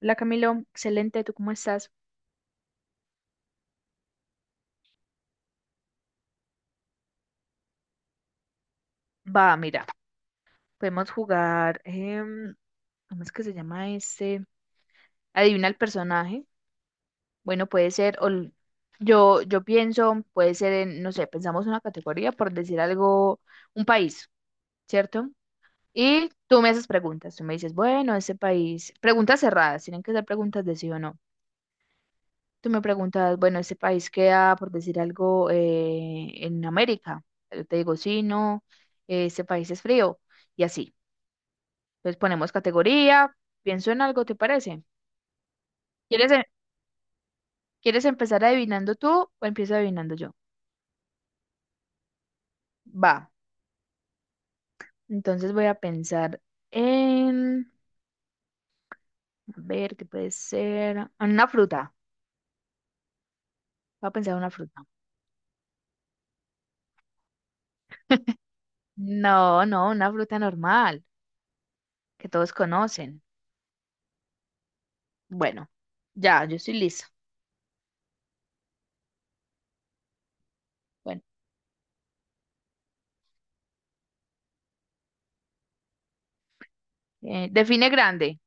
Hola Camilo, excelente, ¿tú cómo estás? Va, mira, podemos jugar, ¿cómo es que se llama este? Adivina el personaje. Bueno, puede ser, yo pienso, puede ser, no sé, pensamos una categoría por decir algo, un país, ¿cierto? Y tú me haces preguntas, tú me dices, bueno, ese país, preguntas cerradas, tienen que ser preguntas de sí o no. Tú me preguntas, bueno, ese país queda, por decir algo, en América. Yo te digo, sí, no, ese país es frío y así. Entonces ponemos categoría, pienso en algo, ¿te parece? ¿Quieres, em- ¿Quieres empezar adivinando tú o empiezo adivinando yo? Va, entonces voy a pensar en, a ver, ¿qué puede ser? En una fruta. Voy a pensar en una fruta. No, no, una fruta normal, que todos conocen. Bueno, ya, yo estoy lista. Bueno, define grande.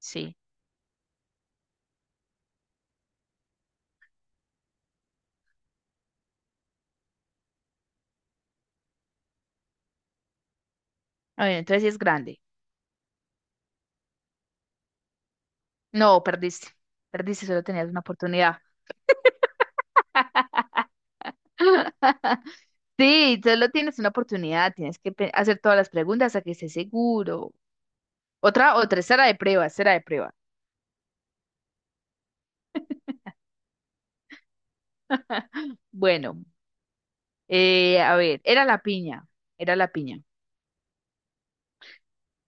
Sí. A ver, entonces sí es grande. No, perdiste. Perdiste, solo tenías una oportunidad. Sí, solo tienes una oportunidad, tienes que hacer todas las preguntas hasta que estés seguro. Otra, otra, será de prueba, será de prueba. Bueno, a ver, era la piña, era la piña.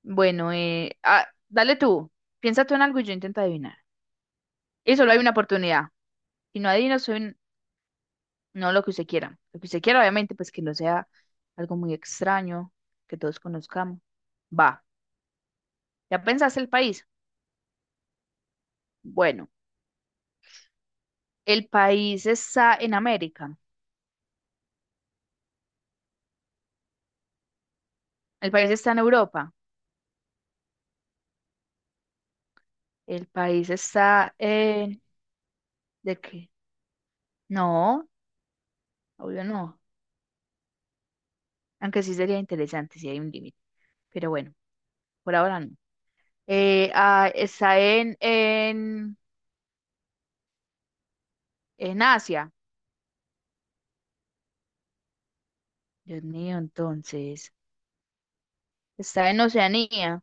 Bueno, dale tú, piensa tú en algo y yo intento adivinar. Y solo hay una oportunidad. Si no adivino, soy un- no lo que usted quiera. Lo que usted quiera, obviamente, pues que no sea algo muy extraño, que todos conozcamos. Va, ¿ya pensaste el país? Bueno, el país está en América. El país está en Europa. El país está en... ¿De qué? No, obvio no. Aunque sí sería interesante si hay un límite. Pero bueno, por ahora no. Está en Asia. Dios mío, entonces. Está en Oceanía.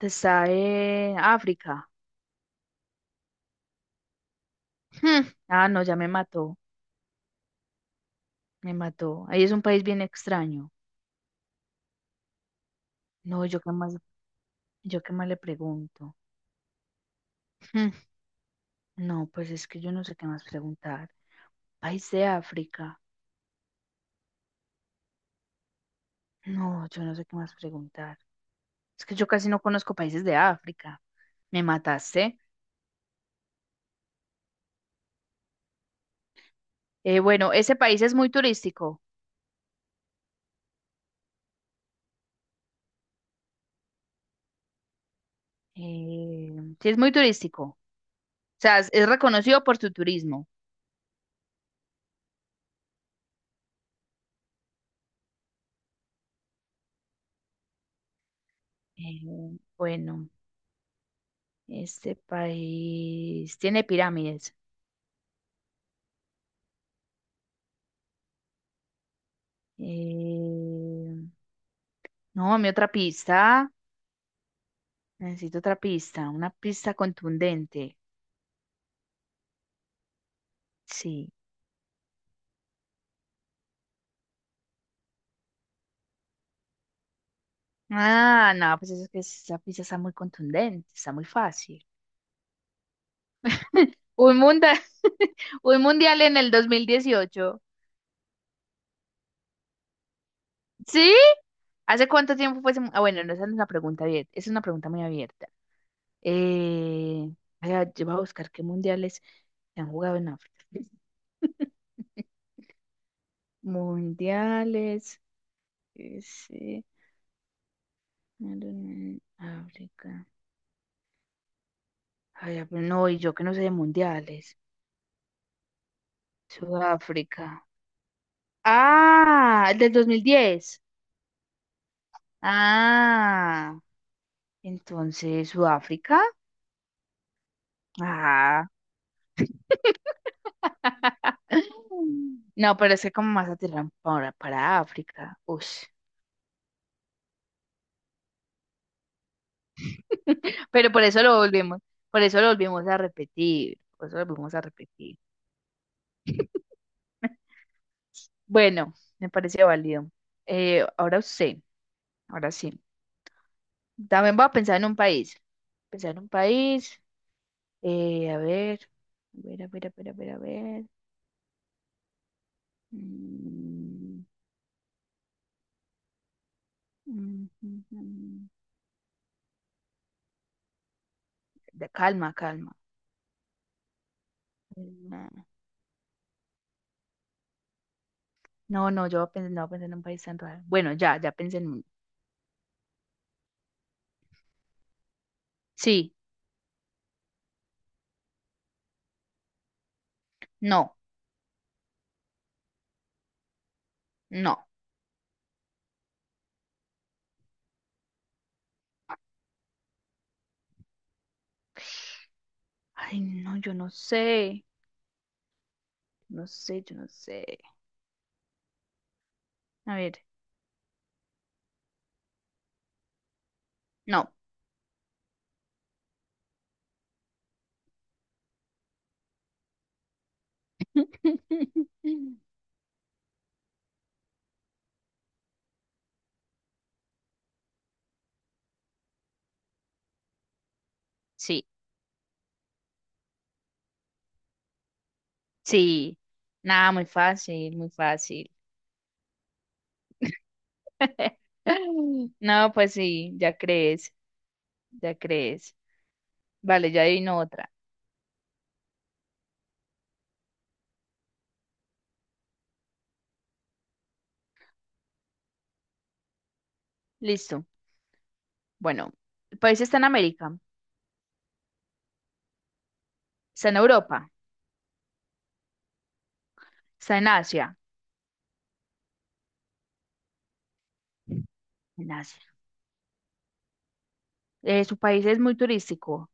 Está en África. Hmm. Ah, no, ya me mató. Me mató. Ahí es un país bien extraño. No, yo qué más le pregunto. Hmm. No, pues es que yo no sé qué más preguntar. País de África. No, yo no sé qué más preguntar. Es que yo casi no conozco países de África. Me mataste. Bueno, ese país es muy turístico. Eh, sí, es muy turístico. O sea, es reconocido por su turismo. Eh, bueno, este país tiene pirámides. Eh, no, mi otra pista. Necesito otra pista, una pista contundente. Sí. Ah, no, pues eso es que esa pizza está muy contundente, está muy fácil. Un mundial, un mundial en el 2018. ¿Sí? ¿Hace cuánto tiempo fue ese? Mu- Ah, bueno, no, esa no es una pregunta abierta, es una pregunta muy abierta. Eh, ay, ay, yo voy a buscar qué mundiales se han jugado en África. Mundiales, ese, en África. Ay, ah, pero no, y yo que no sé de mundiales. Sudáfrica. Ah, el del 2010. Ah, entonces Sudáfrica. Ah. No, pero es que como más aterran para África. Ush. Pero por eso lo volvemos, por eso lo volvimos a repetir. Por eso lo volvimos a repetir. Bueno, me parece válido. Ahora usted, ahora sí. También voy a pensar en un país. Pensar en un país. A ver, a ver, a ver, a ver, a ver, a ver. Mm, mm, mm, mm, mm. Calma, calma. No, no, yo pensé, no pensé en un país tan raro. Bueno, ya, ya pensé en uno. Sí, no, no. Ay, no, yo no sé. No sé, yo no sé. A ver, no. Sí, sí. Nada, muy fácil, muy fácil. No, pues sí, ya crees, ya crees. Vale, ya adivino otra. Listo. Bueno, el país está en América, está en Europa, está en Asia. En Asia. Su país es muy turístico.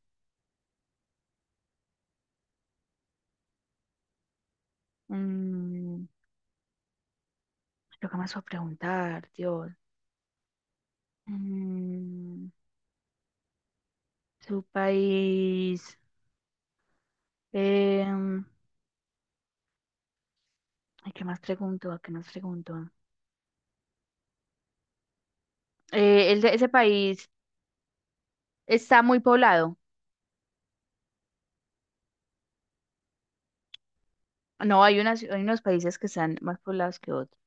Mm. Lo que más voy a preguntar, Dios. Mm, su país. em, ay, ¿qué más pregunto? ¿A qué más pregunto? El de ese país está muy poblado. No, hay unas, hay unos países que están más poblados que otros.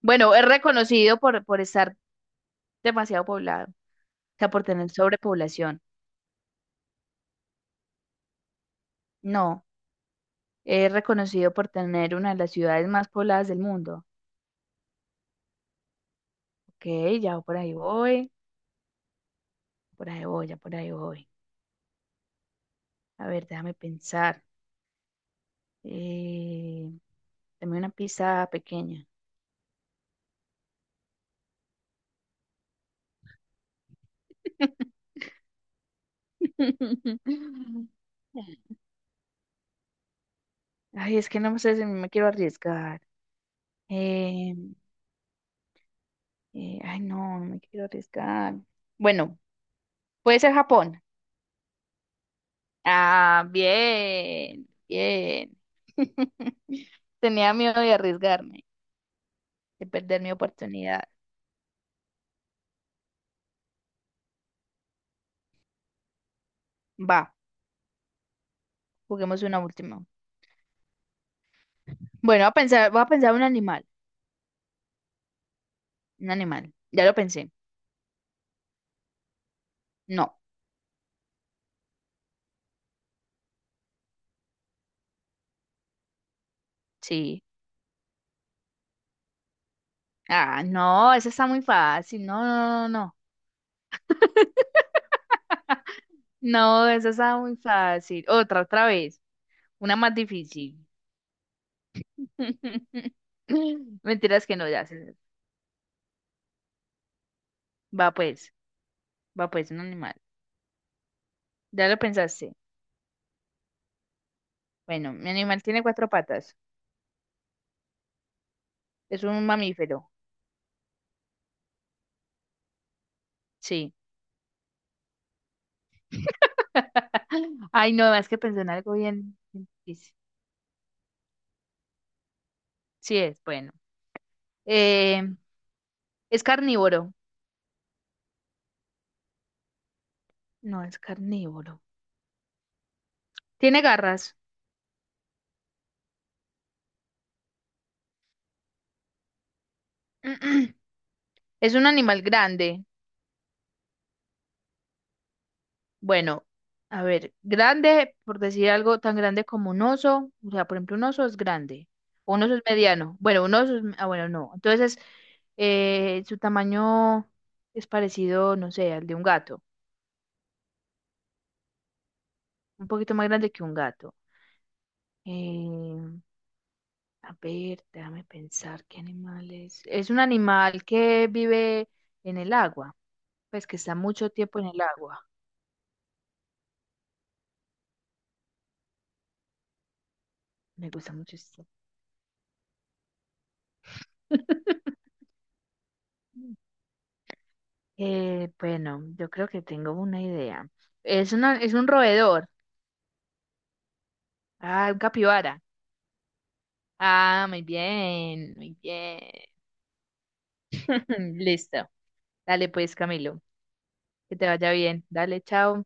Bueno, es reconocido por estar demasiado poblado, o sea, por tener sobrepoblación. No, es reconocido por tener una de las ciudades más pobladas del mundo. Ok, ya por ahí voy, ya por ahí voy. A ver, déjame pensar. Eh, dame una pizza pequeña. Ay, es que no sé si me quiero arriesgar. Eh, ay, no, no me quiero arriesgar. Bueno, puede ser Japón. Ah, bien, bien. Tenía miedo de arriesgarme, de perder mi oportunidad. Va, juguemos una última. Bueno, voy a pensar un animal, un animal. Ya lo pensé. No, sí. Ah, no, eso está muy fácil. No, no, no, no, no. No, esa está muy fácil. Otra, otra vez. Una más difícil. Mentiras que no, ya. se- Va pues, va pues, un animal. Ya lo pensaste. Bueno, mi animal tiene cuatro patas. Es un mamífero. Sí. Ay, no, es que pensé en algo bien, bien difícil. Sí es, bueno. Eh, es carnívoro. No, es carnívoro. Tiene garras. Es un animal grande. Bueno, a ver, grande, por decir algo tan grande como un oso, o sea, por ejemplo, un oso es grande, o un oso es mediano, bueno, un oso es, ah, bueno, no, entonces su tamaño es parecido, no sé, al de un gato, un poquito más grande que un gato. Eh, a ver, déjame pensar, ¿qué animal es? Es un animal que vive en el agua, pues que está mucho tiempo en el agua, me gusta mucho esto. Bueno, yo creo que tengo una idea. Es una, es un roedor. Ah, un capibara. Ah, muy bien, muy bien. Listo. Dale pues, Camilo. Que te vaya bien. Dale, chao.